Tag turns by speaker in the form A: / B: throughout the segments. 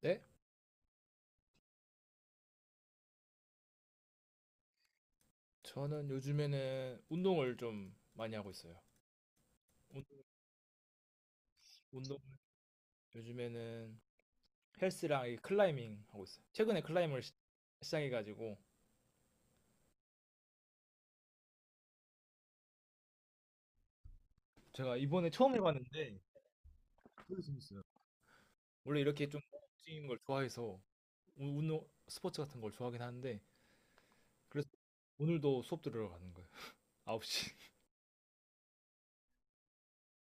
A: 네? 저는 요즘에는 운동을 좀 많이 하고 있어요. 운- 운동 요즘에는 헬스랑 이 클라이밍 하고 있어요. 최근에 클라이밍을 시작해가지고 제가 이번에 처음 해봤는데 되게 재밌어요. 원래 이렇게 좀 뛰는 걸 좋아해서 운동 스포츠 같은 걸 좋아하긴 하는데 그래서 오늘도 수업 들으러 가는 거예요. 9시.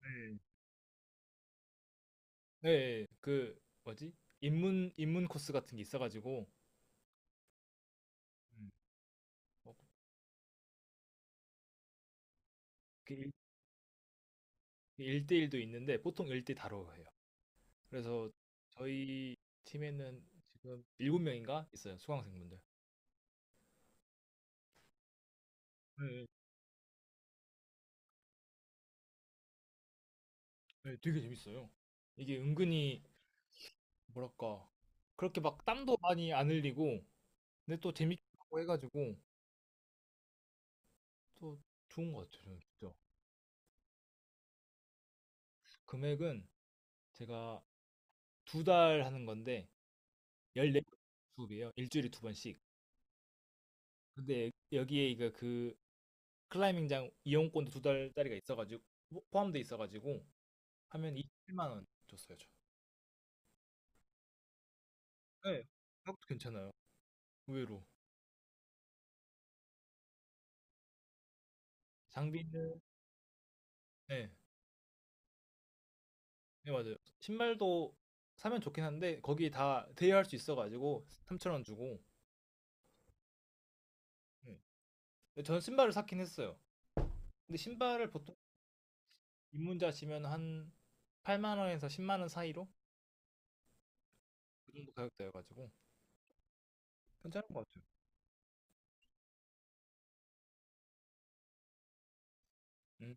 A: 네. 네, 그 뭐지? 입문 코스 같은 게 있어가지고 음. 어, 그 1대1도 있는데 보통 1대 다로 해요. 그래서 저희 팀에는 지금 일곱 명인가 있어요 수강생분들. 네, 네, 되게 재밌어요. 이게 은근히 뭐랄까 그렇게 막 땀도 많이 안 흘리고 근데 또 재밌고 해가지고 또 좋은 것 같아요. 저는 진짜. 금액은 제가 두 달 하는 건데 14번 수업이에요. 일주일에 두 번씩. 근데 여기에 이거 그 클라이밍장 이용권도 두 달짜리가 있어가지고 포함돼 있어가지고 하면 27만 원 줬어요. 네. 가격도 괜찮아요. 의외로. 장비는 네 네 맞아요. 신발도 사면 좋긴 한데 거기 다 대여할 수 있어 가지고 3,000원 주고. 네. 근데 저는 신발을 샀긴 했어요. 근데 신발을 보통 입문자시면 한8만 원에서 1 0원 사이로 그 정도 가격대여 가지고 괜찮은 것 같아요. 음.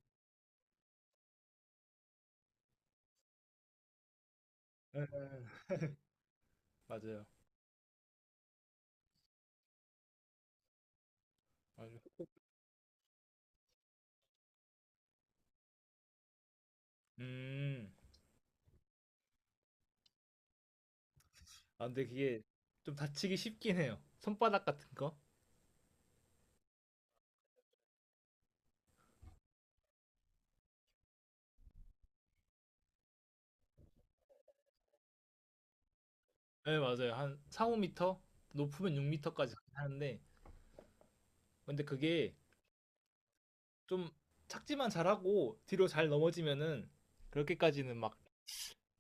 A: 네, 네, 네. 맞아요. 맞아요. 음. 아, 근데 그게 좀 다치기 쉽긴 해요. 손바닥 같은 거. 네, 맞아요. 한 4-5 미터 높으면 6 미터까지 가긴 하는데 근데 그게 좀 착지만 잘하고 뒤로 잘 넘어지면은 그렇게까지는 막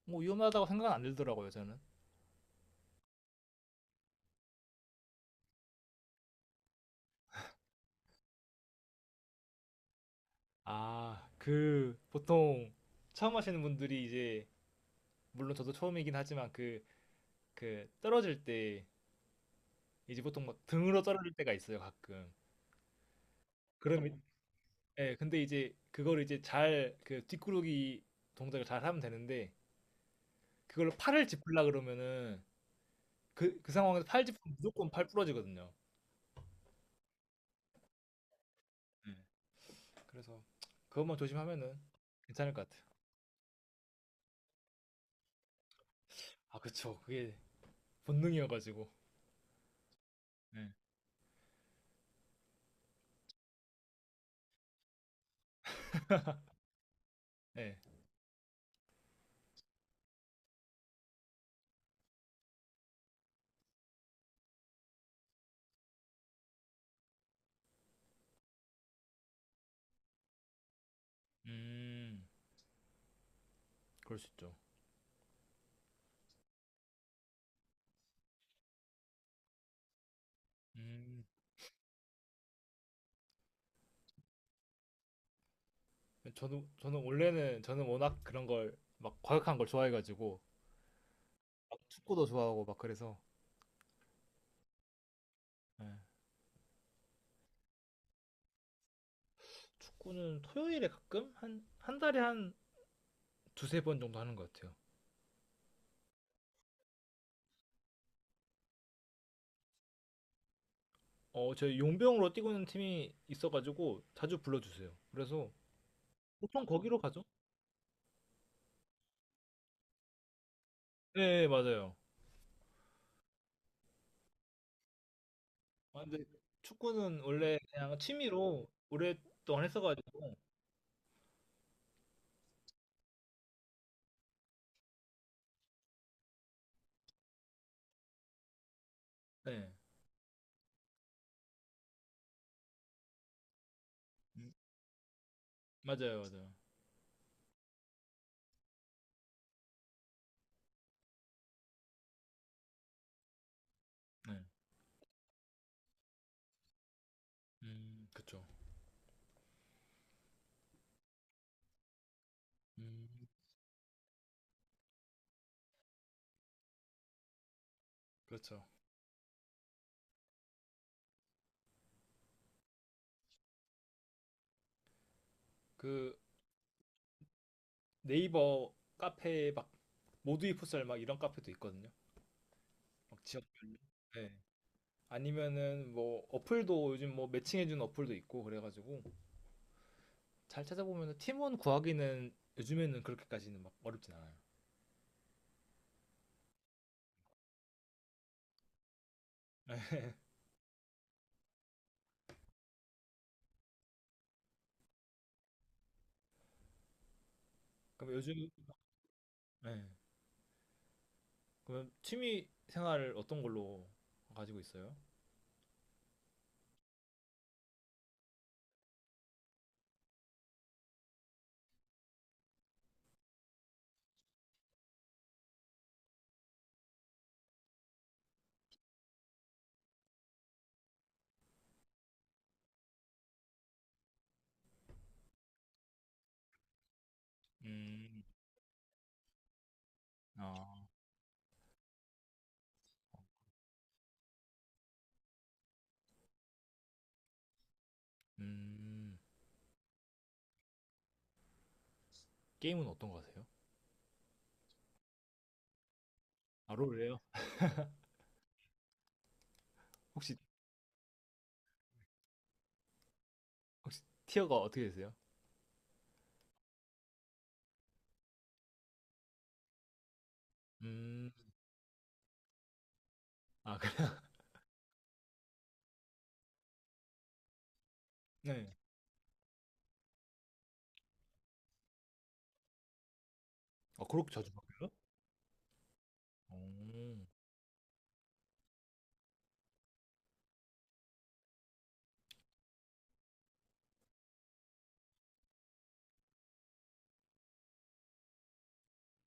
A: 뭐 위험하다고 생각은 안 들더라고요 저는. 아, 그 보통 처음 하시는 분들이 이제 물론 저도 처음이긴 하지만 그 떨어질 때 이제 보통 막 등으로 떨어질 때가 있어요 가끔. 그럼 예, 근데 이제 그걸 이제 잘 그 뒷구르기 동작을 잘 하면 되는데 그걸 팔을 짚으려 그러면은 그 상황에서 팔 짚으면 무조건 팔 부러지거든요. 예, 그래서 그것만 조심하면은 괜찮을 것 같아요. 아, 그쵸. 그게 본능이어가지고. 네. 네. 음, 그럴 수 있죠. 음, 저는 원래는, 저는 워낙 그런 걸, 막 과격한 걸 좋아해가지고, 막 축구도 좋아하고 막 그래서, 네. 축구는 토요일에 가끔? 한, 한 달에 한 두세 번 정도 하는 것 같아요. 어, 저희 용병으로 뛰고 있는 팀이 있어가지고, 자주 불러주세요. 그래서, 보통 거기로 가죠? 네, 맞아요. 아, 근데 축구는 원래 그냥 취미로 오랫동안 했어가지고, 네. 맞아요, 맞아요. 네. 그쵸. 음, 그렇죠. 그 네이버 카페에 막 모두이 풋살 막 이런 카페도 있거든요. 막 지역별로. 네. 아니면은 뭐 어플도 요즘 뭐 매칭해주는 어플도 있고 그래가지고 잘 찾아보면은 팀원 구하기는 요즘에는 그렇게까지는 막 어렵진 않아요. 그럼 요즘, 네. 그럼 취미 생활을 어떤 걸로 가지고 있어요? 음, 아, 음, 게임은 어떤 거 하세요? 아, 롤이에요? 혹시 혹시 티어가 어떻게 되세요? 음, 아, 그래. 네. 아, 그렇게 자주 바뀌어요? 오,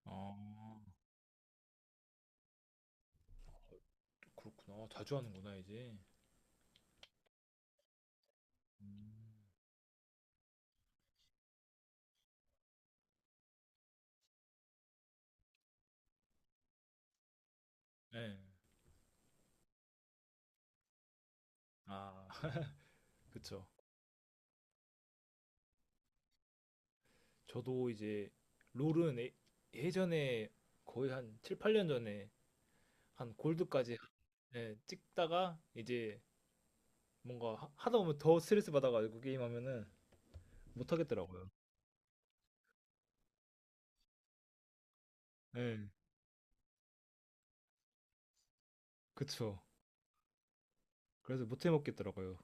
A: 아, 그렇구나. 자주 하는구나, 이제. 네. 아, 그쵸. 저도 이제, 롤은 예전에 거의 한 칠팔년 전에 한 골드까지 예, 찍다가 이제 뭔가 하다 보면 더 스트레스 받아가지고 게임하면은 못하겠더라고요. 네, 그쵸. 그래서 못해먹겠더라고요.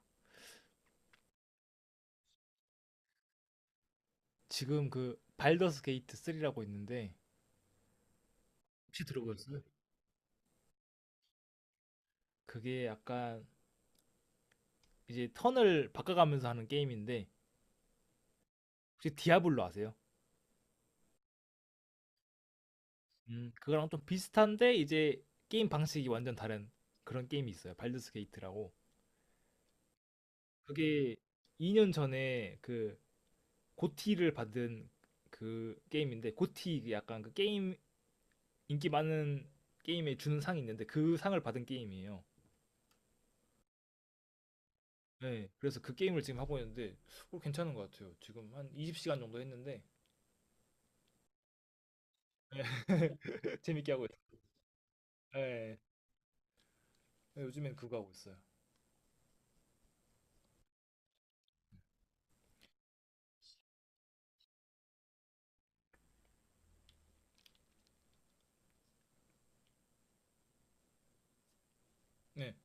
A: 지금 그 발더스 게이트 3라고 있는데 혹시 들어보셨어요? 그게 약간 이제 턴을 바꿔가면서 하는 게임인데 혹시 디아블로 아세요? 그거랑 좀 비슷한데 이제 게임 방식이 완전 다른 그런 게임이 있어요. 발드스 게이트라고. 그게 2년 전에 그 고티를 받은 그 게임인데 고티 그 약간 그 게임 인기 많은 게임에 주는 상이 있는데 그 상을 받은 게임이에요. 네, 그래서 그 게임을 지금 하고 있는데 어, 괜찮은 것 같아요. 지금 한 20시간 정도 했는데 재밌게 하고 있어요. 네. 네, 요즘엔 그거 하고 있어요. 네.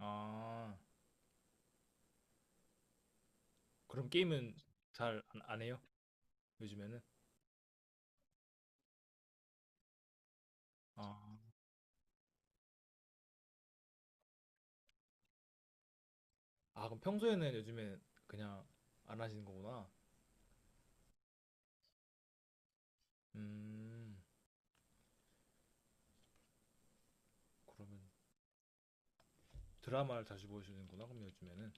A: 아, 그럼 게임은 잘 안 해요? 요즘에는? 아, 아, 그럼 평소에는 요즘에 그냥 안 하시는 거구나. 음, 그러면 드라마를 자주 보시는구나, 그럼 요즘에는.